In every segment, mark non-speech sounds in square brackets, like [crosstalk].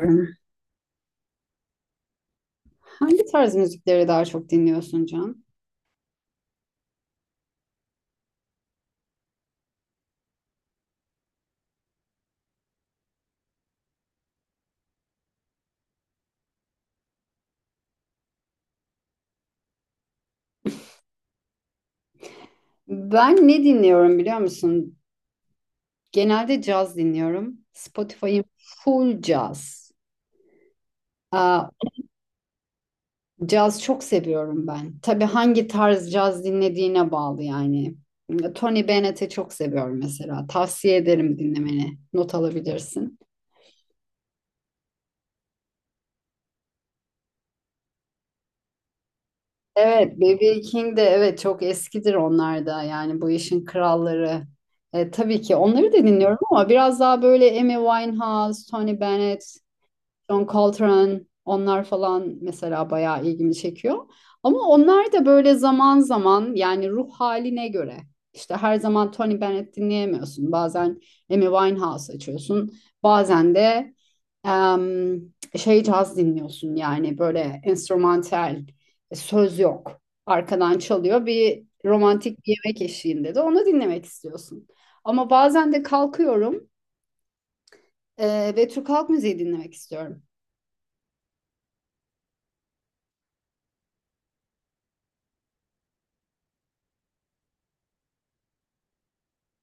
Dinliyorum. Hangi tarz müzikleri daha çok dinliyorsun, Can? Ben ne dinliyorum, biliyor musun? Genelde caz dinliyorum. Spotify'ım full caz. Aa, caz çok seviyorum ben. Tabii hangi tarz caz dinlediğine bağlı yani. Tony Bennett'i çok seviyorum mesela. Tavsiye ederim dinlemeni. Not alabilirsin. Evet, BB King de evet çok eskidir onlar da yani bu işin kralları. Tabii ki onları da dinliyorum ama biraz daha böyle Amy Winehouse, Tony Bennett, John Coltrane onlar falan mesela bayağı ilgimi çekiyor. Ama onlar da böyle zaman zaman yani ruh haline göre. İşte her zaman Tony Bennett dinleyemiyorsun. Bazen Amy Winehouse açıyorsun. Bazen de em, şey caz dinliyorsun yani böyle enstrümantal, söz yok. Arkadan çalıyor bir romantik bir yemek eşliğinde de onu dinlemek istiyorsun. Ama bazen de kalkıyorum ve Türk halk müziği dinlemek istiyorum.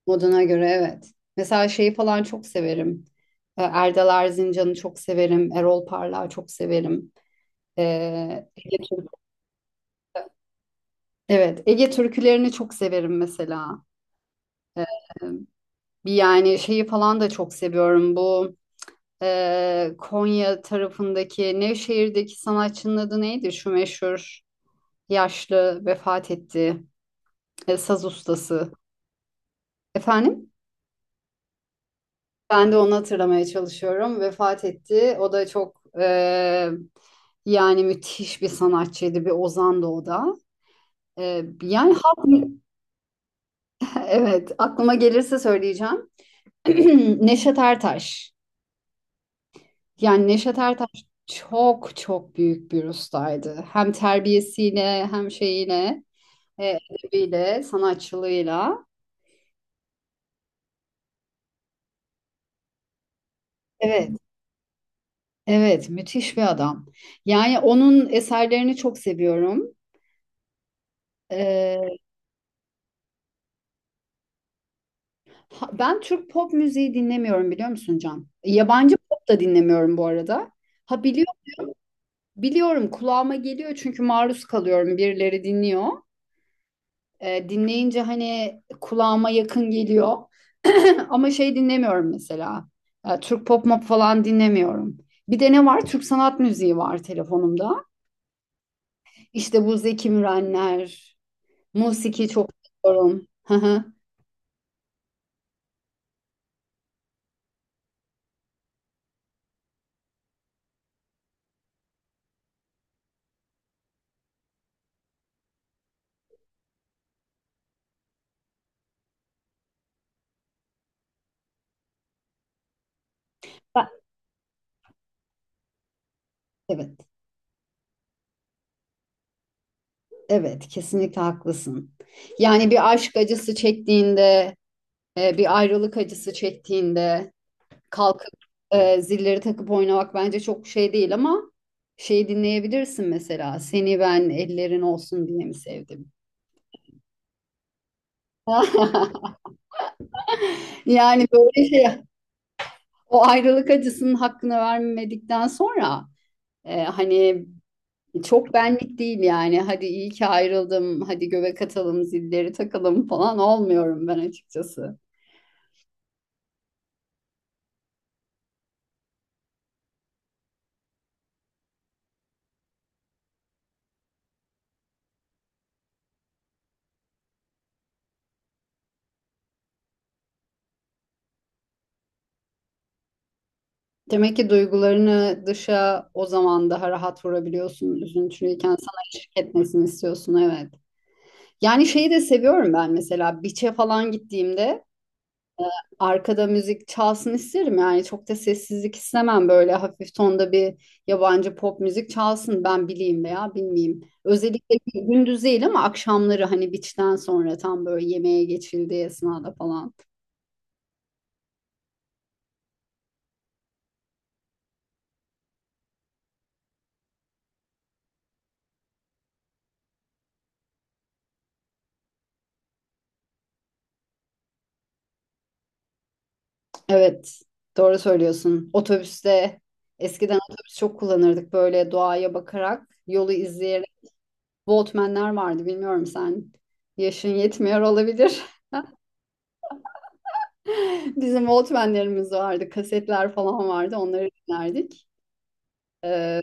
Moduna göre, evet. Mesela şeyi falan çok severim. Erdal Erzincan'ı çok severim. Erol Parlak'ı çok severim. E, Ege Türk- evet, Ege türkülerini çok severim mesela. E, bir yani şeyi falan da çok seviyorum. Bu Konya tarafındaki Nevşehir'deki sanatçının adı neydi? Şu meşhur yaşlı vefat etti. Saz ustası. Efendim? Ben de onu hatırlamaya çalışıyorum. Vefat etti. O da çok yani müthiş bir sanatçıydı, bir ozandı o da. Yani halk, [laughs] evet, aklıma gelirse söyleyeceğim. [clears throat] Neşet Ertaş. Yani Neşet Ertaş çok çok büyük bir ustaydı. Hem terbiyesiyle hem şeyiyle, edebiyle, sanatçılığıyla. Evet, evet, müthiş bir adam. Yani onun eserlerini çok seviyorum. Ben Türk pop müziği dinlemiyorum, biliyor musun, Can? Yabancı pop da dinlemiyorum bu arada. Ha, biliyorum, biliyorum, kulağıma geliyor çünkü maruz kalıyorum, birileri dinliyor. Dinleyince hani kulağıma yakın geliyor. [clears throat] Ama şey dinlemiyorum mesela. Türk pop mop falan dinlemiyorum. Bir de ne var? Türk sanat müziği var telefonumda. İşte bu Zeki Mürenler, musiki çok seviyorum. [laughs] Hı hı. Ben- Evet. Evet, kesinlikle haklısın. Yani bir aşk acısı çektiğinde, bir ayrılık acısı çektiğinde kalkıp zilleri takıp oynamak bence çok şey değil, ama şeyi dinleyebilirsin mesela. Seni ben ellerin olsun diye mi sevdim? [laughs] Yani böyle şey, o ayrılık acısının hakkını vermedikten sonra hani çok benlik değil yani. Hadi iyi ki ayrıldım, hadi göbek atalım, zilleri takalım falan, olmuyorum ben açıkçası. Demek ki duygularını dışa o zaman daha rahat vurabiliyorsun. Üzüntülüyken sana eşlik etmesini istiyorsun, evet. Yani şeyi de seviyorum ben, mesela beach'e falan gittiğimde arkada müzik çalsın isterim. Yani çok da sessizlik istemem, böyle hafif tonda bir yabancı pop müzik çalsın, ben bileyim veya bilmeyeyim. Özellikle gündüz değil, ama akşamları, hani beach'ten sonra tam böyle yemeğe geçildiği esnada falan. Evet, doğru söylüyorsun. Otobüste, eskiden otobüs çok kullanırdık, böyle doğaya bakarak, yolu izleyerek. Walkman'ler vardı, bilmiyorum sen. Yaşın yetmiyor olabilir. [laughs] Bizim Walkman'lerimiz vardı, kasetler falan vardı. Onları dinlerdik. Ee,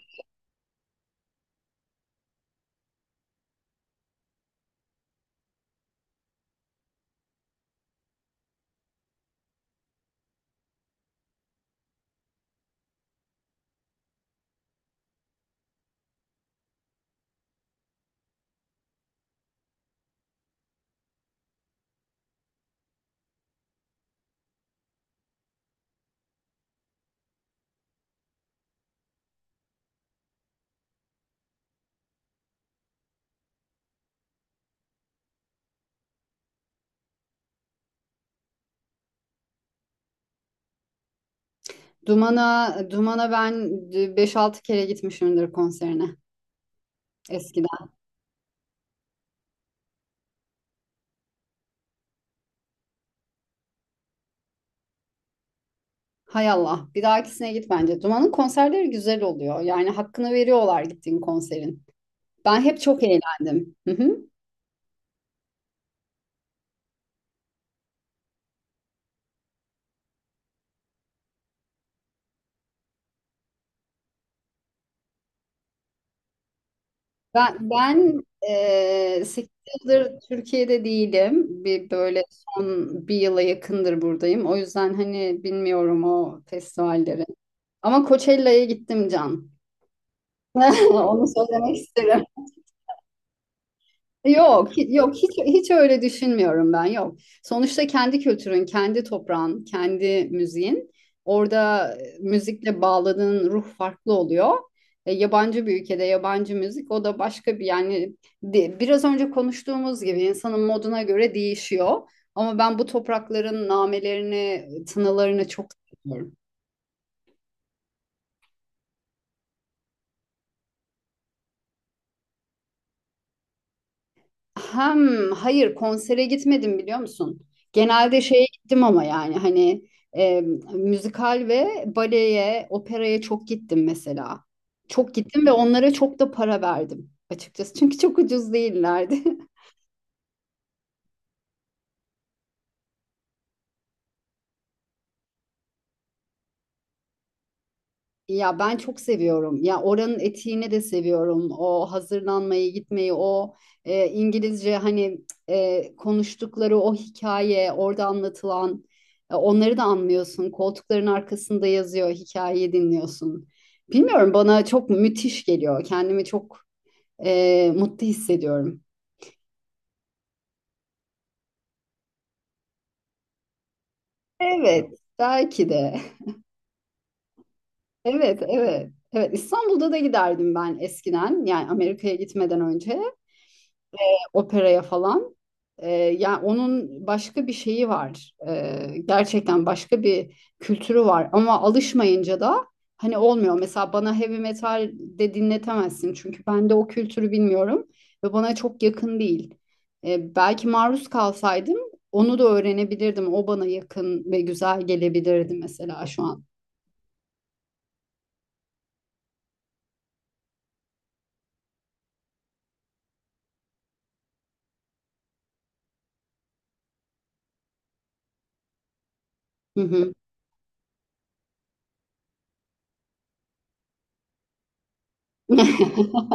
Duman'a ben beş altı kere gitmişimdir konserine, eskiden. Hay Allah, bir dahakisine git bence. Duman'ın konserleri güzel oluyor. Yani hakkını veriyorlar gittiğin konserin. Ben hep çok eğlendim. [laughs] Ben yıldır Türkiye'de değilim. Bir böyle son bir yıla yakındır buradayım. O yüzden hani bilmiyorum o festivalleri. Ama Coachella'ya gittim, Can. [laughs] Onu söylemek isterim. Yok, yok, hiç hiç öyle düşünmüyorum ben. Yok. Sonuçta kendi kültürün, kendi toprağın, kendi müziğin. Orada müzikle bağladığın ruh farklı oluyor. Yabancı bir ülkede yabancı müzik, o da başka bir yani, biraz önce konuştuğumuz gibi, insanın moduna göre değişiyor. Ama ben bu toprakların namelerini, tınılarını çok seviyorum. Hem hayır, konsere gitmedim, biliyor musun? Genelde şeye gittim, ama yani hani e, müzikal ve baleye, operaya çok gittim mesela. Çok gittim ve onlara çok da para verdim açıkçası. Çünkü çok ucuz değillerdi. [laughs] Ya ben çok seviyorum. Ya oranın etiğini de seviyorum. O hazırlanmayı, gitmeyi, o İngilizce, hani konuştukları o hikaye, orada anlatılan, onları da anlıyorsun. Koltukların arkasında yazıyor, hikayeyi dinliyorsun. Bilmiyorum, bana çok müthiş geliyor. Kendimi çok mutlu hissediyorum. Evet, belki de. [laughs] Evet, evet. Evet, İstanbul'da da giderdim ben eskiden. Yani Amerika'ya gitmeden önce. Operaya falan. Yani onun başka bir şeyi var. Gerçekten başka bir kültürü var. Ama alışmayınca da hani olmuyor. Mesela bana heavy metal de dinletemezsin. Çünkü ben de o kültürü bilmiyorum ve bana çok yakın değil. Belki maruz kalsaydım, onu da öğrenebilirdim. O bana yakın ve güzel gelebilirdi mesela şu an. Hı hı. [laughs]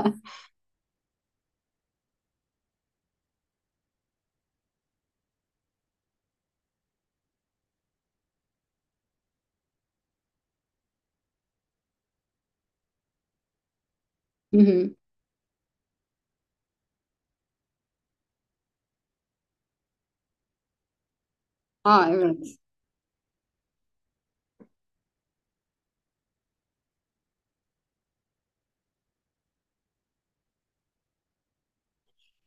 Hı hı. Aa, evet.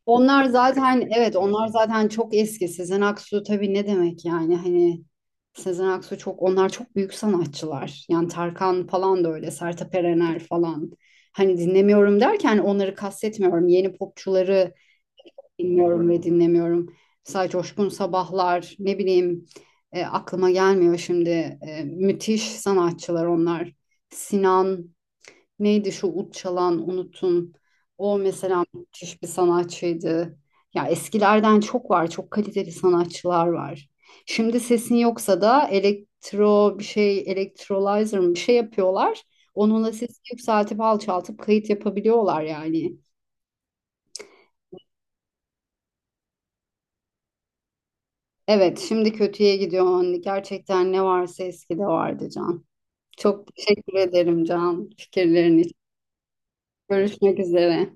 Onlar zaten, evet, onlar zaten çok eski. Sezen Aksu, tabii, ne demek yani, hani Sezen Aksu, çok, onlar çok büyük sanatçılar. Yani Tarkan falan da öyle, Sertab Erener falan. Hani dinlemiyorum derken onları kastetmiyorum. Yeni popçuları dinliyorum ve dinlemiyorum. Mesela Coşkun Sabahlar, ne bileyim, aklıma gelmiyor şimdi. Müthiş sanatçılar onlar. Sinan, neydi şu ut çalan, unutun. O mesela müthiş bir sanatçıydı. Ya eskilerden çok var. Çok kaliteli sanatçılar var. Şimdi sesin yoksa da elektro bir şey, elektrolizer mı bir şey yapıyorlar. Onunla sesi yükseltip alçaltıp kayıt yapabiliyorlar yani. Evet, şimdi kötüye gidiyor. Anne. Gerçekten ne varsa eskide vardı, Can. Çok teşekkür ederim, Can, fikirlerin için. Görüşmek üzere.